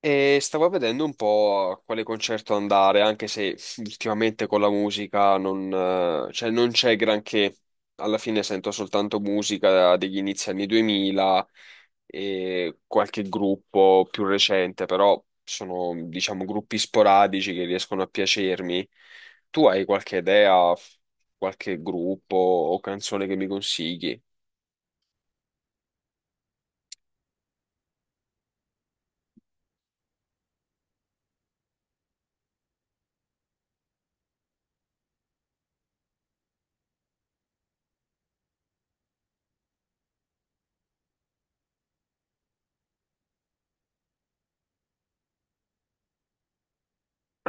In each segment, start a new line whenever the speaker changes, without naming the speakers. E stavo vedendo un po' a quale concerto andare, anche se ultimamente con la musica non, cioè non c'è granché. Alla fine sento soltanto musica degli inizi anni 2000 e qualche gruppo più recente, però sono, diciamo, gruppi sporadici che riescono a piacermi. Tu hai qualche idea, qualche gruppo o canzone che mi consigli?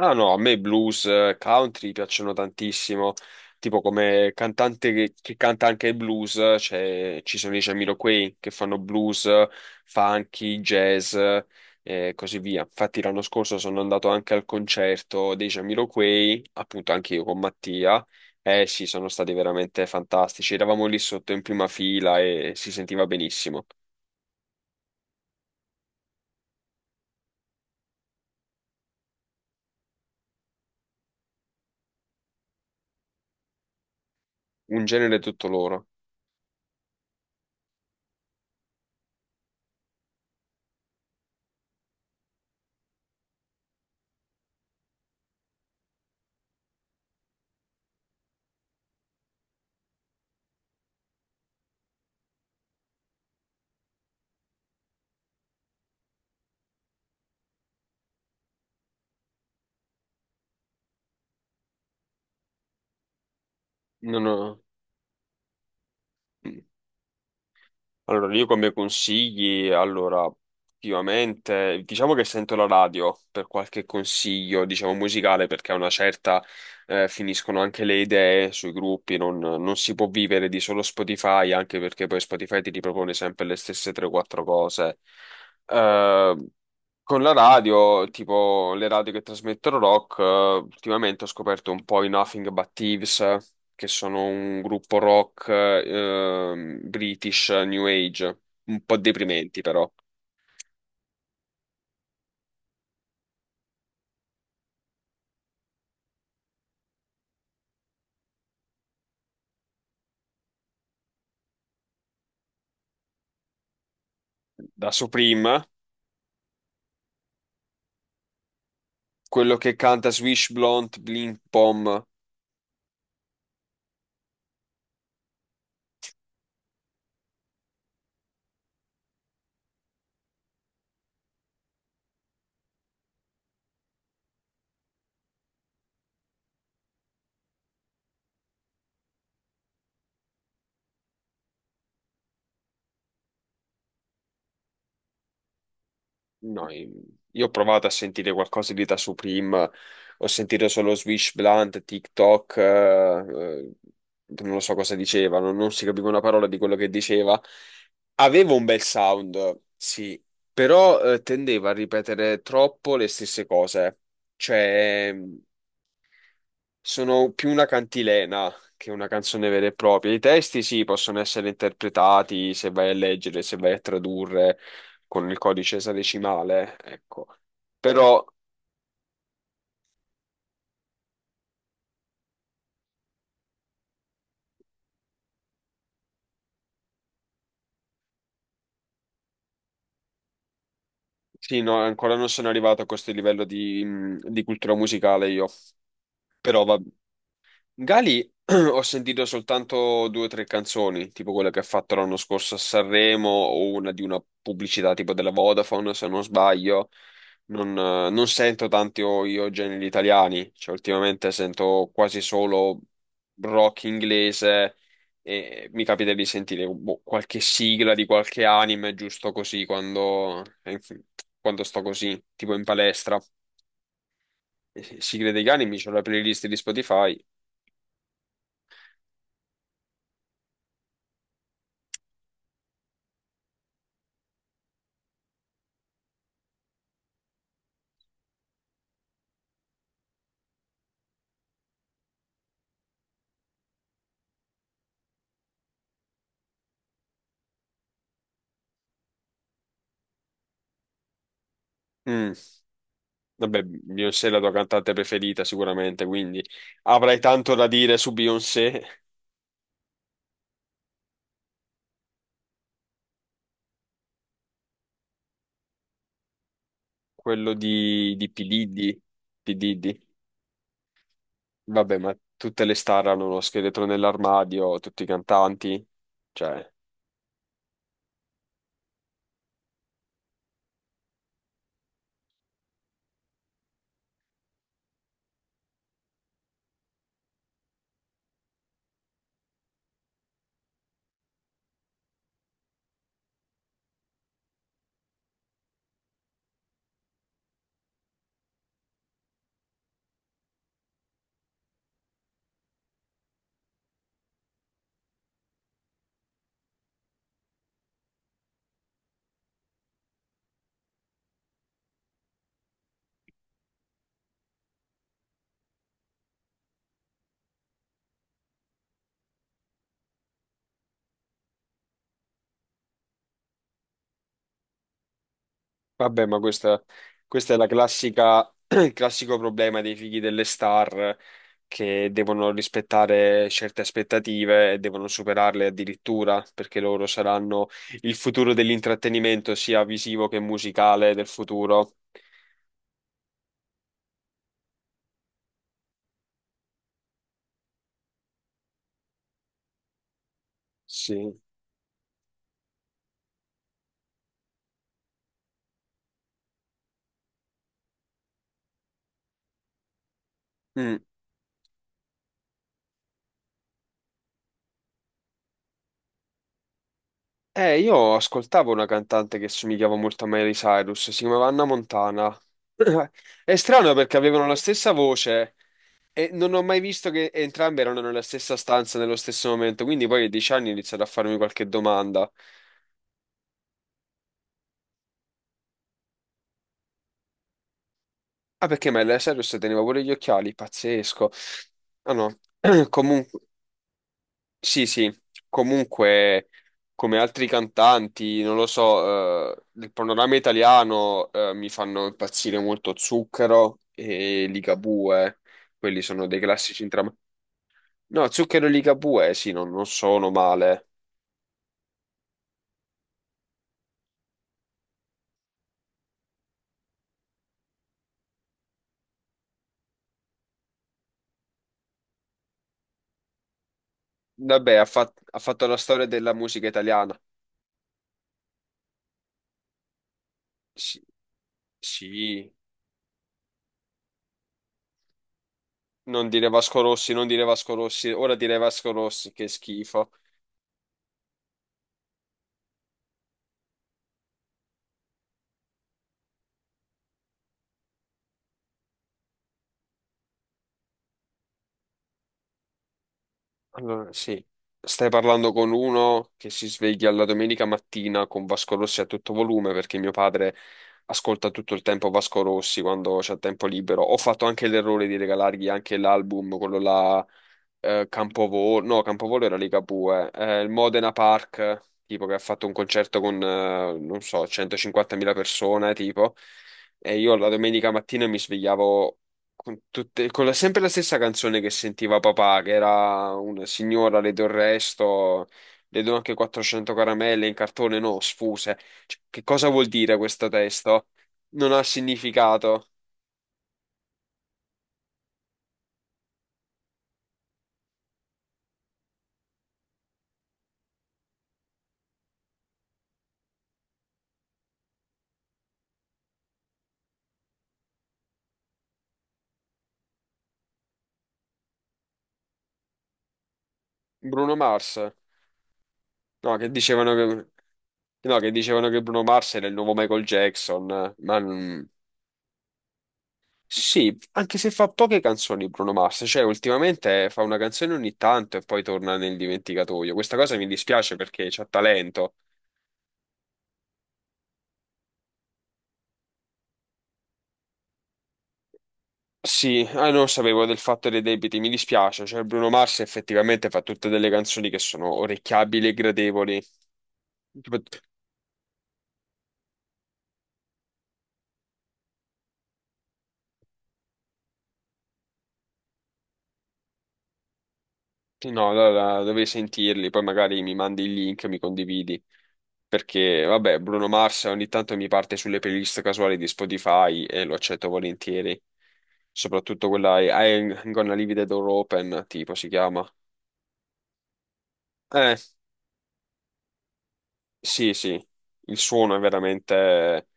Ah no, a me blues, country piacciono tantissimo, tipo come cantante che canta anche il blues, ci sono i Jamiroquai che fanno blues, funky, jazz e così via. Infatti l'anno scorso sono andato anche al concerto dei Jamiroquai, appunto anche io con Mattia, e sì, sono stati veramente fantastici, eravamo lì sotto in prima fila e si sentiva benissimo, un genere tutto loro. Non ho- Mm. Allora, io come consigli, allora, ultimamente, diciamo che sento la radio per qualche consiglio, diciamo, musicale, perché a una certa finiscono anche le idee sui gruppi, non si può vivere di solo Spotify, anche perché poi Spotify ti ripropone sempre le stesse 3-4 cose. Eh, con la radio, tipo le radio che trasmettono rock, ultimamente ho scoperto un po' i Nothing But Thieves, che sono un gruppo rock British New Age, un po' deprimenti però. Da Supreme, quello che canta Swish Blunt Blink Bomb. No, io ho provato a sentire qualcosa di da Supreme, ho sentito solo Swish Blunt, TikTok, non lo so cosa dicevano, non si capiva una parola di quello che diceva. Aveva un bel sound, sì, però tendeva a ripetere troppo le stesse cose. Cioè, sono più una cantilena che una canzone vera e propria. I testi sì, possono essere interpretati se vai a leggere, se vai a tradurre con il codice esadecimale, ecco. Però sì, no, ancora non sono arrivato a questo livello di cultura musicale io. Però va. Gali ho sentito soltanto due o tre canzoni, tipo quella che ha fatto l'anno scorso a Sanremo o una di una pubblicità tipo della Vodafone, se non sbaglio. Non sento tanti io generi italiani, cioè ultimamente sento quasi solo rock inglese e mi capita di sentire boh, qualche sigla di qualche anime giusto così quando, quando sto così, tipo in palestra. Sigle degli anime, c'ho la playlist di Spotify. Mm. Vabbè, Beyoncé è la tua cantante preferita sicuramente, quindi avrai tanto da dire su Beyoncé, quello di P. Diddy, P. Diddy. Vabbè, ma tutte le star hanno uno scheletro nell'armadio, tutti i cantanti, cioè. Vabbè, ma questa è la classica, il classico problema dei figli delle star che devono rispettare certe aspettative e devono superarle addirittura perché loro saranno il futuro dell'intrattenimento, sia visivo che musicale del futuro. Sì. Mm. Io ascoltavo una cantante che somigliava molto a Miley Cyrus, si chiamava Anna Montana. È strano perché avevano la stessa voce, e non ho mai visto che entrambi erano nella stessa stanza nello stesso momento, quindi poi a 10 anni ho iniziato a farmi qualche domanda. Ah, perché Miley Cyrus teneva pure gli occhiali? Pazzesco. Ah no, comunque, sì, sì, comunque, come altri cantanti, non lo so, del panorama italiano, mi fanno impazzire molto Zucchero e Ligabue, quelli sono dei classici entrambi. No, Zucchero e Ligabue, sì, non sono male. Vabbè, ha fatto la storia della musica italiana. Sì, sì. Non dire Vasco Rossi, non dire Vasco Rossi, ora dire Vasco Rossi, che schifo. Allora, sì, stai parlando con uno che si sveglia la domenica mattina con Vasco Rossi a tutto volume perché mio padre ascolta tutto il tempo Vasco Rossi quando c'è tempo libero. Ho fatto anche l'errore di regalargli anche l'album, quello là, Campovolo, no, Campovolo era Ligabue, il Modena Park, tipo che ha fatto un concerto con, non so, 150.000 persone, tipo, e io la domenica mattina mi svegliavo con, sempre la stessa canzone che sentiva papà, che era una signora, le do il resto, le do anche 400 caramelle in cartone, no, sfuse. Cioè, che cosa vuol dire questo testo? Non ha significato. Bruno Mars? No, che dicevano che, no, che dicevano che Bruno Mars era il nuovo Michael Jackson, ma. Sì, anche se fa poche canzoni Bruno Mars, cioè ultimamente fa una canzone ogni tanto e poi torna nel dimenticatoio. Questa cosa mi dispiace perché c'ha talento. Sì, ah, non sapevo del fatto dei debiti, mi dispiace, cioè Bruno Mars effettivamente fa tutte delle canzoni che sono orecchiabili e gradevoli. Tipo. No, allora dovrei sentirli, poi magari mi mandi il link, mi condividi, perché vabbè, Bruno Mars ogni tanto mi parte sulle playlist casuali di Spotify e lo accetto volentieri, soprattutto quella I'm Gonna Leave the Door Open, tipo si chiama. Eh, sì, sì, il suono è veramente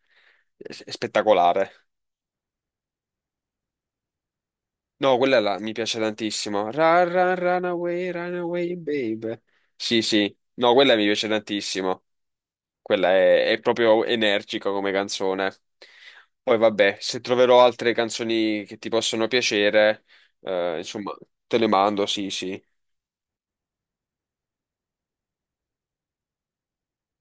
spettacolare. No, quella là mi piace tantissimo. Run, run, run away, babe. Sì, sì. No, quella mi piace tantissimo. Quella è proprio energica come canzone. Poi vabbè, se troverò altre canzoni che ti possono piacere, insomma, te le mando, sì, sì.